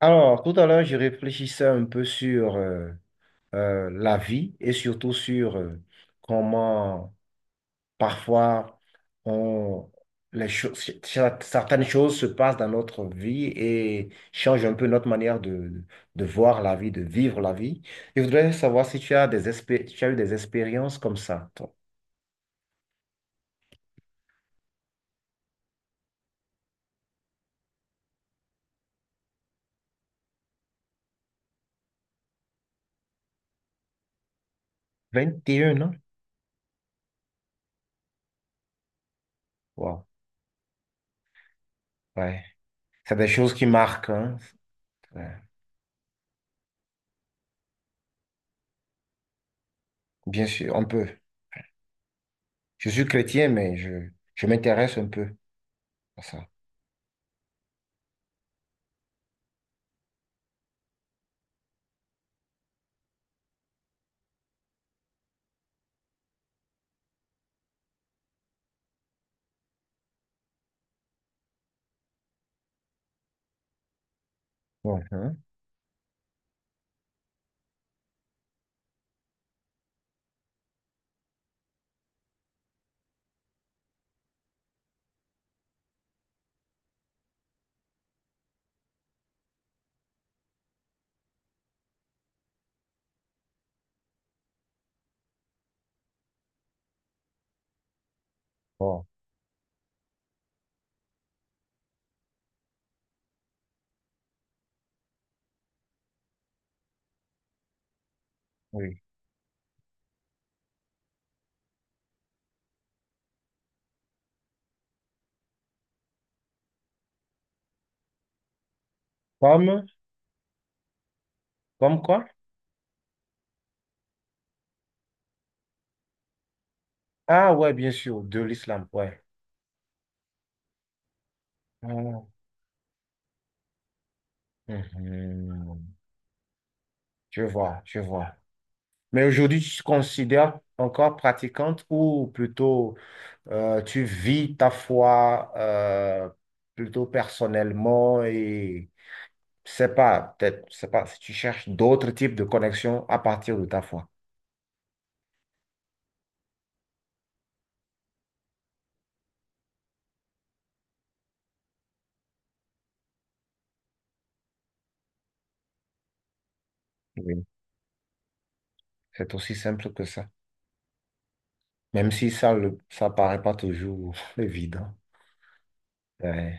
Alors, tout à l'heure, je réfléchissais un peu sur la vie et surtout sur comment parfois on, les choses, certaines choses se passent dans notre vie et changent un peu notre manière de voir la vie, de vivre la vie. Je voudrais savoir si tu as tu as eu des expériences comme ça, toi. 21 ans? Wow. Ouais. C'est des choses qui marquent, hein. Ouais. Bien sûr, on peut. Je suis chrétien, mais je m'intéresse un peu à ça. Bon, hein, bon, oui. Comme, comme quoi? Ah ouais, bien sûr, de l'islam, ouais. Ah, mhm. Je vois, je vois. Mais aujourd'hui, tu te considères encore pratiquante ou plutôt tu vis ta foi plutôt personnellement et c'est pas, peut-être, c'est pas, si tu cherches d'autres types de connexions à partir de ta foi. Oui, c'est aussi simple que ça. Même si ça, ça paraît pas toujours évident. Ouais,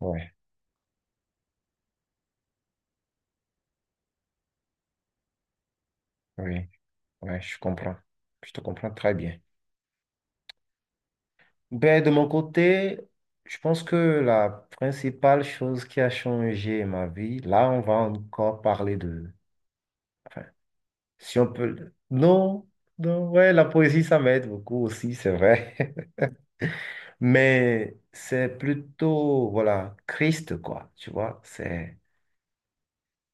ouais, oui. Ouais, je comprends. Je te comprends très bien. Ben, de mon côté, je pense que la principale chose qui a changé ma vie, là, on va encore parler de. Enfin, si on peut. Non, non, ouais, la poésie, ça m'aide beaucoup aussi, c'est vrai. Mais c'est plutôt, voilà, Christ, quoi. Tu vois, c'est.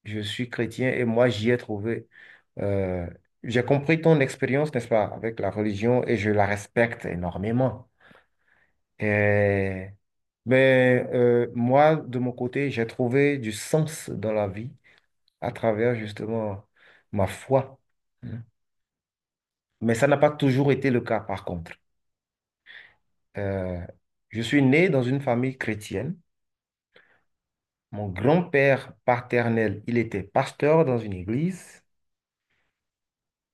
Je suis chrétien et moi, j'y ai trouvé. euh, J'ai compris ton expérience, n'est-ce pas, avec la religion et je la respecte énormément. Et- mais moi, de mon côté, j'ai trouvé du sens dans la vie à travers justement ma foi. Hein. Mais ça n'a pas toujours été le cas, par contre. Euh, je suis né dans une famille chrétienne. Mon grand-père paternel, il était pasteur dans une église.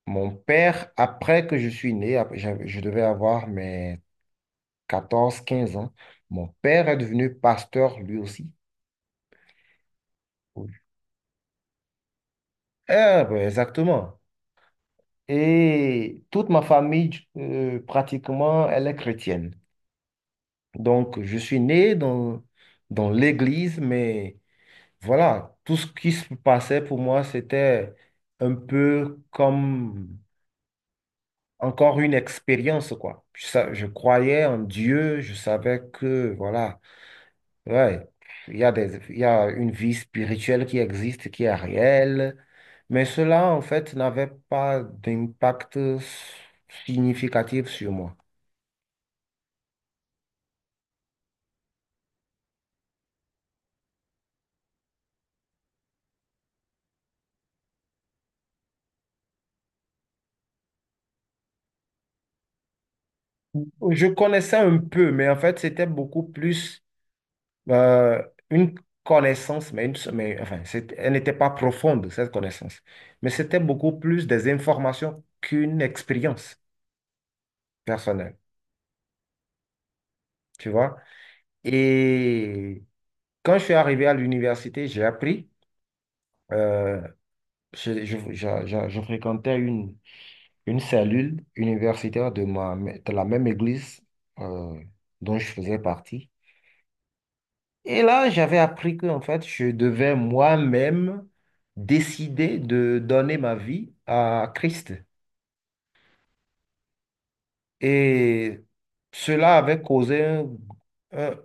Mon père, après que je suis né, je devais avoir mes 14 15 ans, mon père est devenu pasteur lui aussi. Oui. Ah, ben, exactement. Et toute ma famille, pratiquement, elle est chrétienne. Donc, je suis né dans l'église, mais voilà, tout ce qui se passait pour moi, c'était un peu comme encore une expérience, quoi. Je croyais en Dieu, je savais que, voilà, ouais, il y a une vie spirituelle qui existe, qui est réelle. Mais cela, en fait, n'avait pas d'impact significatif sur moi. Je connaissais un peu, mais en fait, c'était beaucoup plus euh, une connaissance, mais enfin, elle n'était pas profonde, cette connaissance. Mais c'était beaucoup plus des informations qu'une expérience personnelle, tu vois. Et quand je suis arrivé à l'université, j'ai appris, euh, je fréquentais une cellule universitaire de la même église euh, dont je faisais partie. Et là, j'avais appris que, en fait, je devais moi-même décider de donner ma vie à Christ. Et cela avait causé un-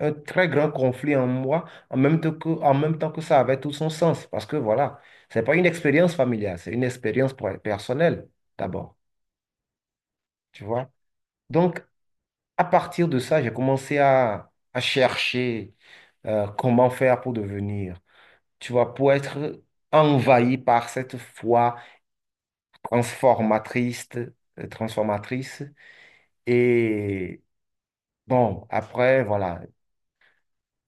un très grand conflit en moi, en même temps que ça avait tout son sens. Parce que voilà, c'est pas une expérience familiale, c'est une expérience personnelle, d'abord. Tu vois? Donc, à partir de ça, j'ai commencé à chercher comment faire pour devenir, tu vois, pour être envahi par cette foi transformatrice, transformatrice. Et bon, après, voilà,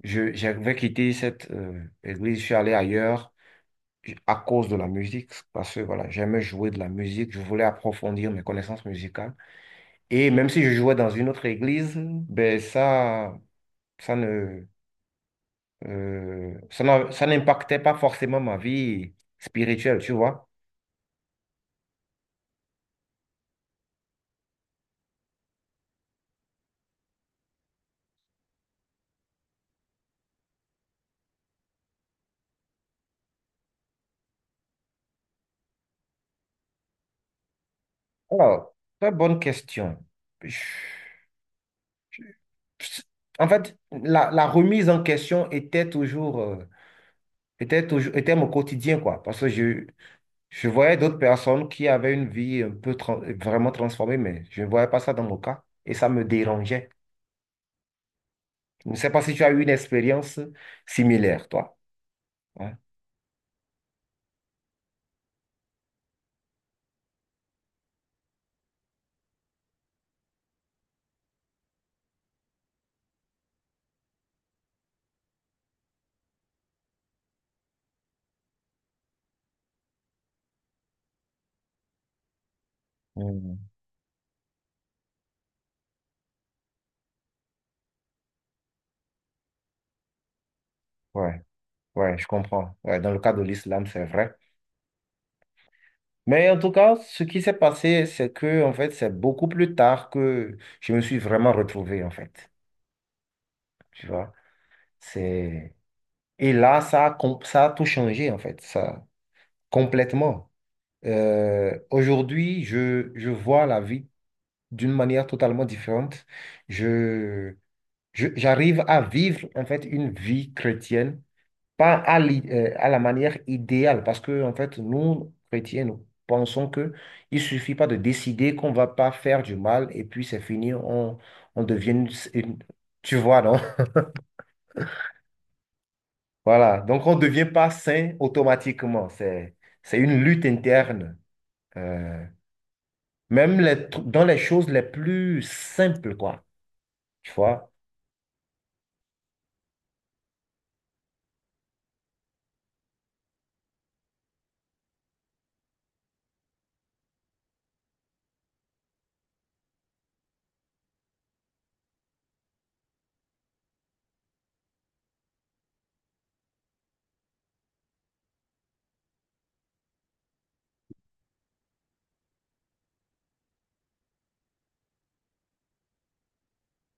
j'avais quitté cette église, je suis allé ailleurs à cause de la musique, parce que voilà, j'aimais jouer de la musique, je voulais approfondir mes connaissances musicales. Et même si je jouais dans une autre église, ben ça ne, ça n'impactait pas forcément ma vie spirituelle, tu vois. Alors, très bonne question. Je- En fait, la remise en question était mon quotidien, quoi. Parce que je voyais d'autres personnes qui avaient une vie un peu vraiment transformée, mais je ne voyais pas ça dans mon cas. Et ça me dérangeait. Je ne sais pas si tu as eu une expérience similaire, toi. Ouais. Mhm. Ouais, ouais, je comprends. Ouais, dans le cas de l'islam, c'est vrai. Mais en tout cas, ce qui s'est passé, c'est que, en fait, c'est beaucoup plus tard que je me suis vraiment retrouvé, en fait. Tu vois, c'est. Et là, ça a tout changé, en fait, ça, complètement. Aujourd'hui, je vois la vie d'une manière totalement différente. Je, J'arrive à vivre, en fait, une vie chrétienne, pas à la manière idéale, parce que, en fait, nous, chrétiens, nous pensons que il suffit pas de décider qu'on va pas faire du mal, et puis c'est fini, on devient une- Tu vois, non? Voilà, donc on ne devient pas sain automatiquement. C'est une lutte interne. Euh, Même les dans les choses les plus simples, quoi. Tu vois?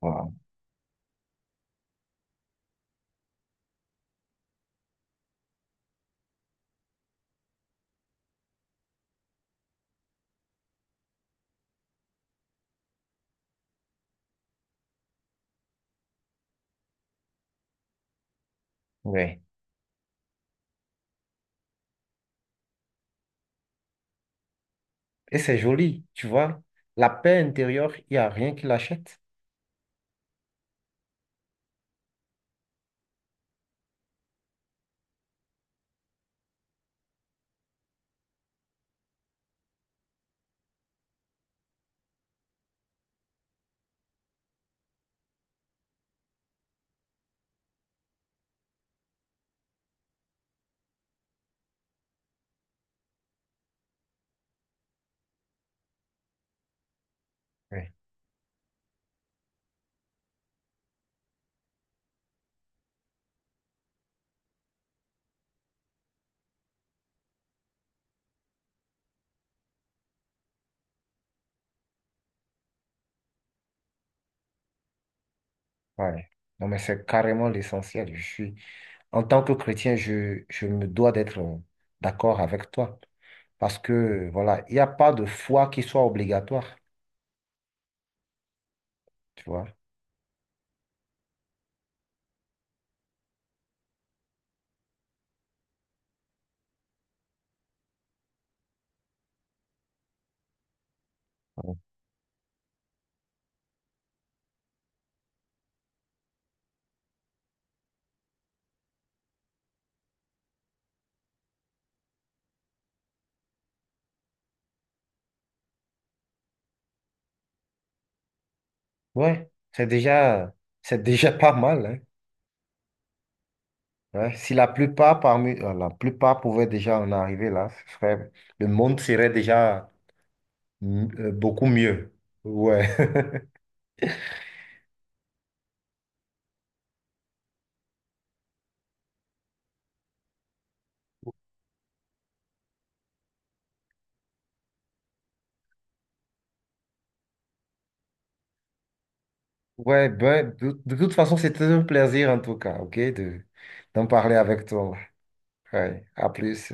Voilà. Ouais. Et c'est joli, tu vois? La paix intérieure, il n'y a rien qui l'achète. Ouais. Ouais. Non, mais c'est carrément l'essentiel. En tant que chrétien, je me dois d'être d'accord avec toi. Parce que, voilà, il n'y a pas de foi qui soit obligatoire. Tu vois? Ouais, c'est déjà pas mal, hein. Ouais, si la plupart la plupart pouvaient déjà en arriver là, le monde serait déjà beaucoup mieux. Ouais. Ouais, ben, de toute façon, c'était un plaisir en tout cas, ok, d'en parler avec toi. Ouais, à plus.